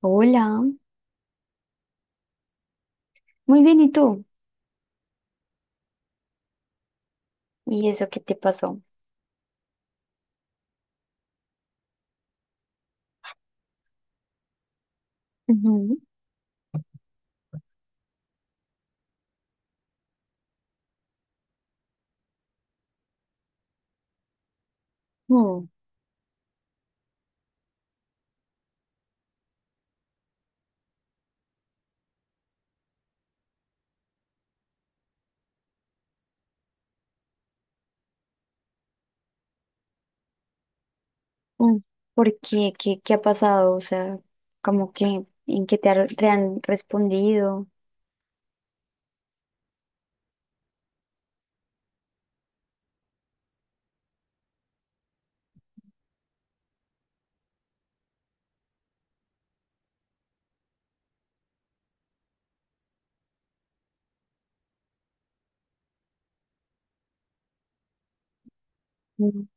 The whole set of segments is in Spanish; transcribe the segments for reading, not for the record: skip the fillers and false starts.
Hola, muy bien, ¿y tú? ¿Y eso qué te pasó? Ujú. Mm, mm. ¿Por qué? ¿Qué ha pasado? O sea, como que, ¿en qué te han respondido? Mm.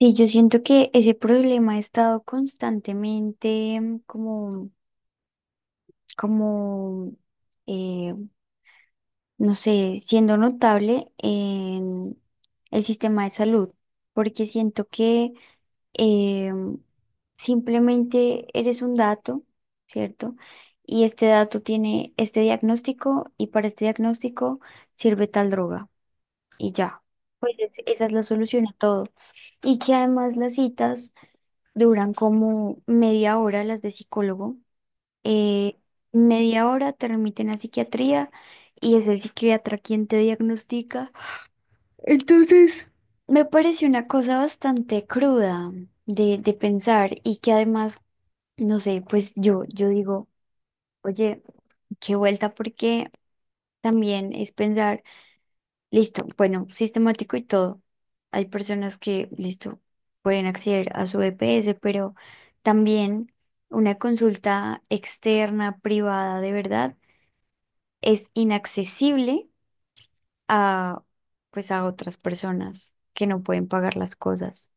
Sí, yo siento que ese problema ha estado constantemente como, como eh, no sé, siendo notable en el sistema de salud, porque siento que eh, simplemente eres un dato, ¿cierto? Y este dato tiene este diagnóstico y para este diagnóstico sirve tal droga y ya. Pues esa es la solución a todo. Y que además las citas duran como media hora, las de psicólogo, eh, media hora te remiten a psiquiatría y es el psiquiatra quien te diagnostica. Entonces, me parece una cosa bastante cruda de pensar y que además, no sé, pues yo digo, oye, qué vuelta porque también es pensar, listo, bueno, sistemático y todo. Hay personas que, listo, pueden acceder a su EPS, pero también una consulta externa, privada, de verdad es inaccesible a, pues, a otras personas que no pueden pagar las cosas.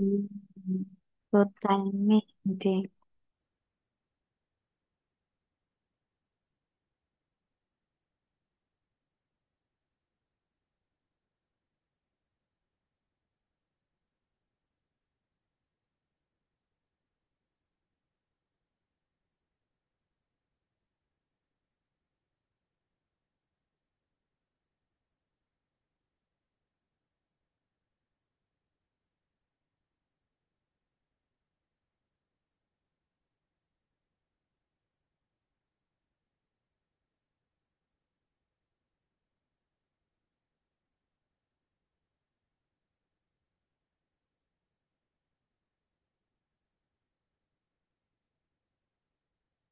Mm. Totalmente.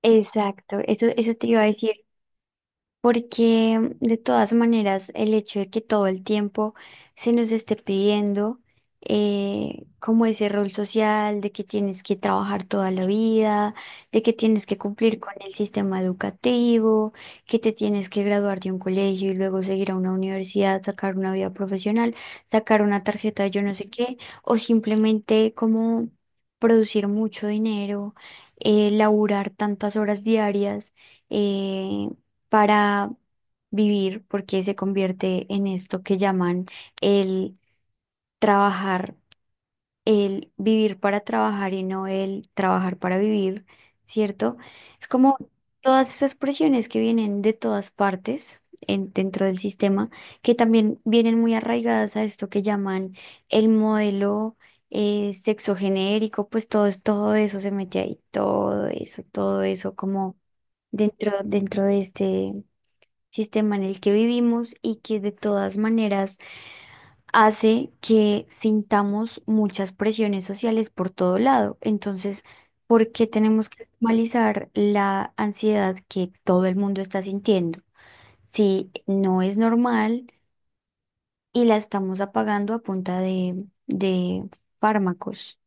Exacto, eso te iba a decir. Porque de todas maneras el hecho de que todo el tiempo se nos esté pidiendo como ese rol social de que tienes que trabajar toda la vida, de que tienes que cumplir con el sistema educativo, que te tienes que graduar de un colegio y luego seguir a una universidad, sacar una vida profesional, sacar una tarjeta de yo no sé qué, o simplemente como producir mucho dinero, laburar tantas horas diarias, eh, para vivir, porque se convierte en esto que llaman el trabajar, el vivir para trabajar y no el trabajar para vivir, ¿cierto? Es como todas esas presiones que vienen de todas partes dentro del sistema, que también vienen muy arraigadas a esto que llaman el modelo, sexo genérico, pues todo, todo eso se mete ahí, todo eso como dentro, de este sistema en el que vivimos y que de todas maneras hace que sintamos muchas presiones sociales por todo lado. Entonces, ¿por qué tenemos que normalizar la ansiedad que todo el mundo está sintiendo? Si no es normal y la estamos apagando a punta de fármacos.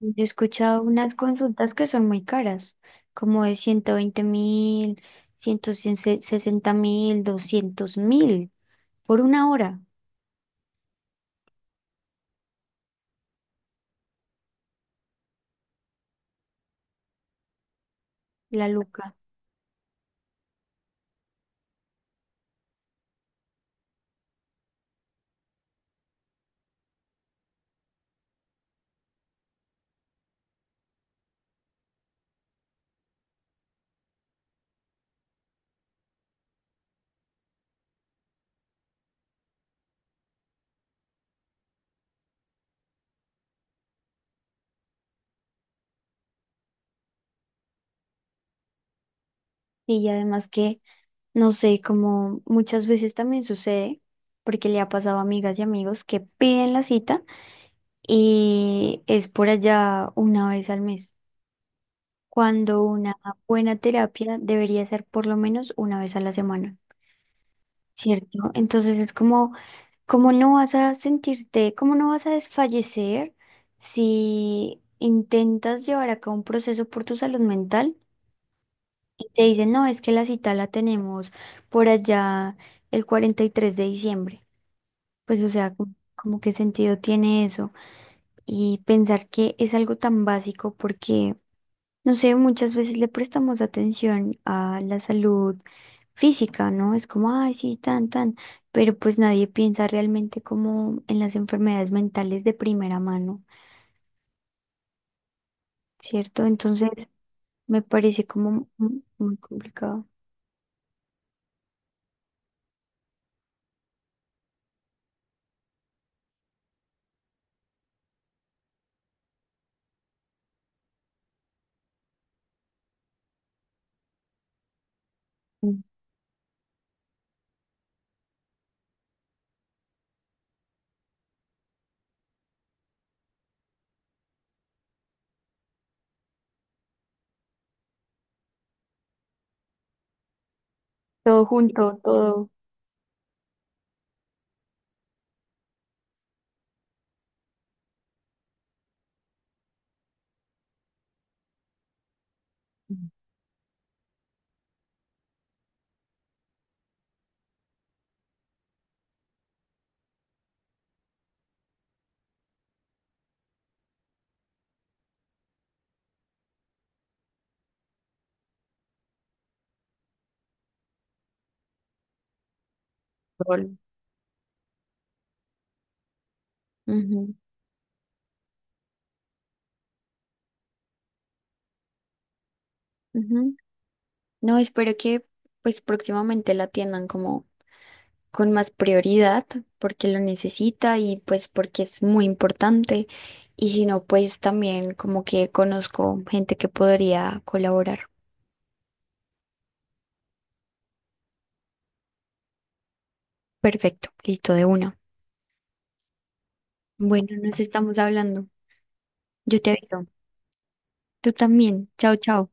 Yo he escuchado unas consultas que son muy caras, como de 120.000, 160.000, 200.000, por una hora. La luca. Y además que, no sé, como muchas veces también sucede, porque le ha pasado a amigas y amigos que piden la cita y es por allá una vez al mes, cuando una buena terapia debería ser por lo menos una vez a la semana, ¿cierto? Entonces es como, ¿cómo no vas a sentirte, cómo no vas a desfallecer si intentas llevar a cabo un proceso por tu salud mental? Y te dicen, no, es que la cita la tenemos por allá el 43 de diciembre. Pues, o sea, como qué sentido tiene eso. Y pensar que es algo tan básico porque, no sé, muchas veces le prestamos atención a la salud física, ¿no? Es como, ay, sí, tan, tan, pero pues nadie piensa realmente como en las enfermedades mentales de primera mano, ¿cierto? Entonces, me parece como muy complicado. Mm. Todo junto, todo. Ujú, ujú. No, espero que pues próximamente la atiendan como con más prioridad porque lo necesita y pues porque es muy importante. Y si no, pues también como que conozco gente que podría colaborar. Perfecto, listo de una. Bueno, nos estamos hablando. Yo te aviso. Tú también. Chao, chao.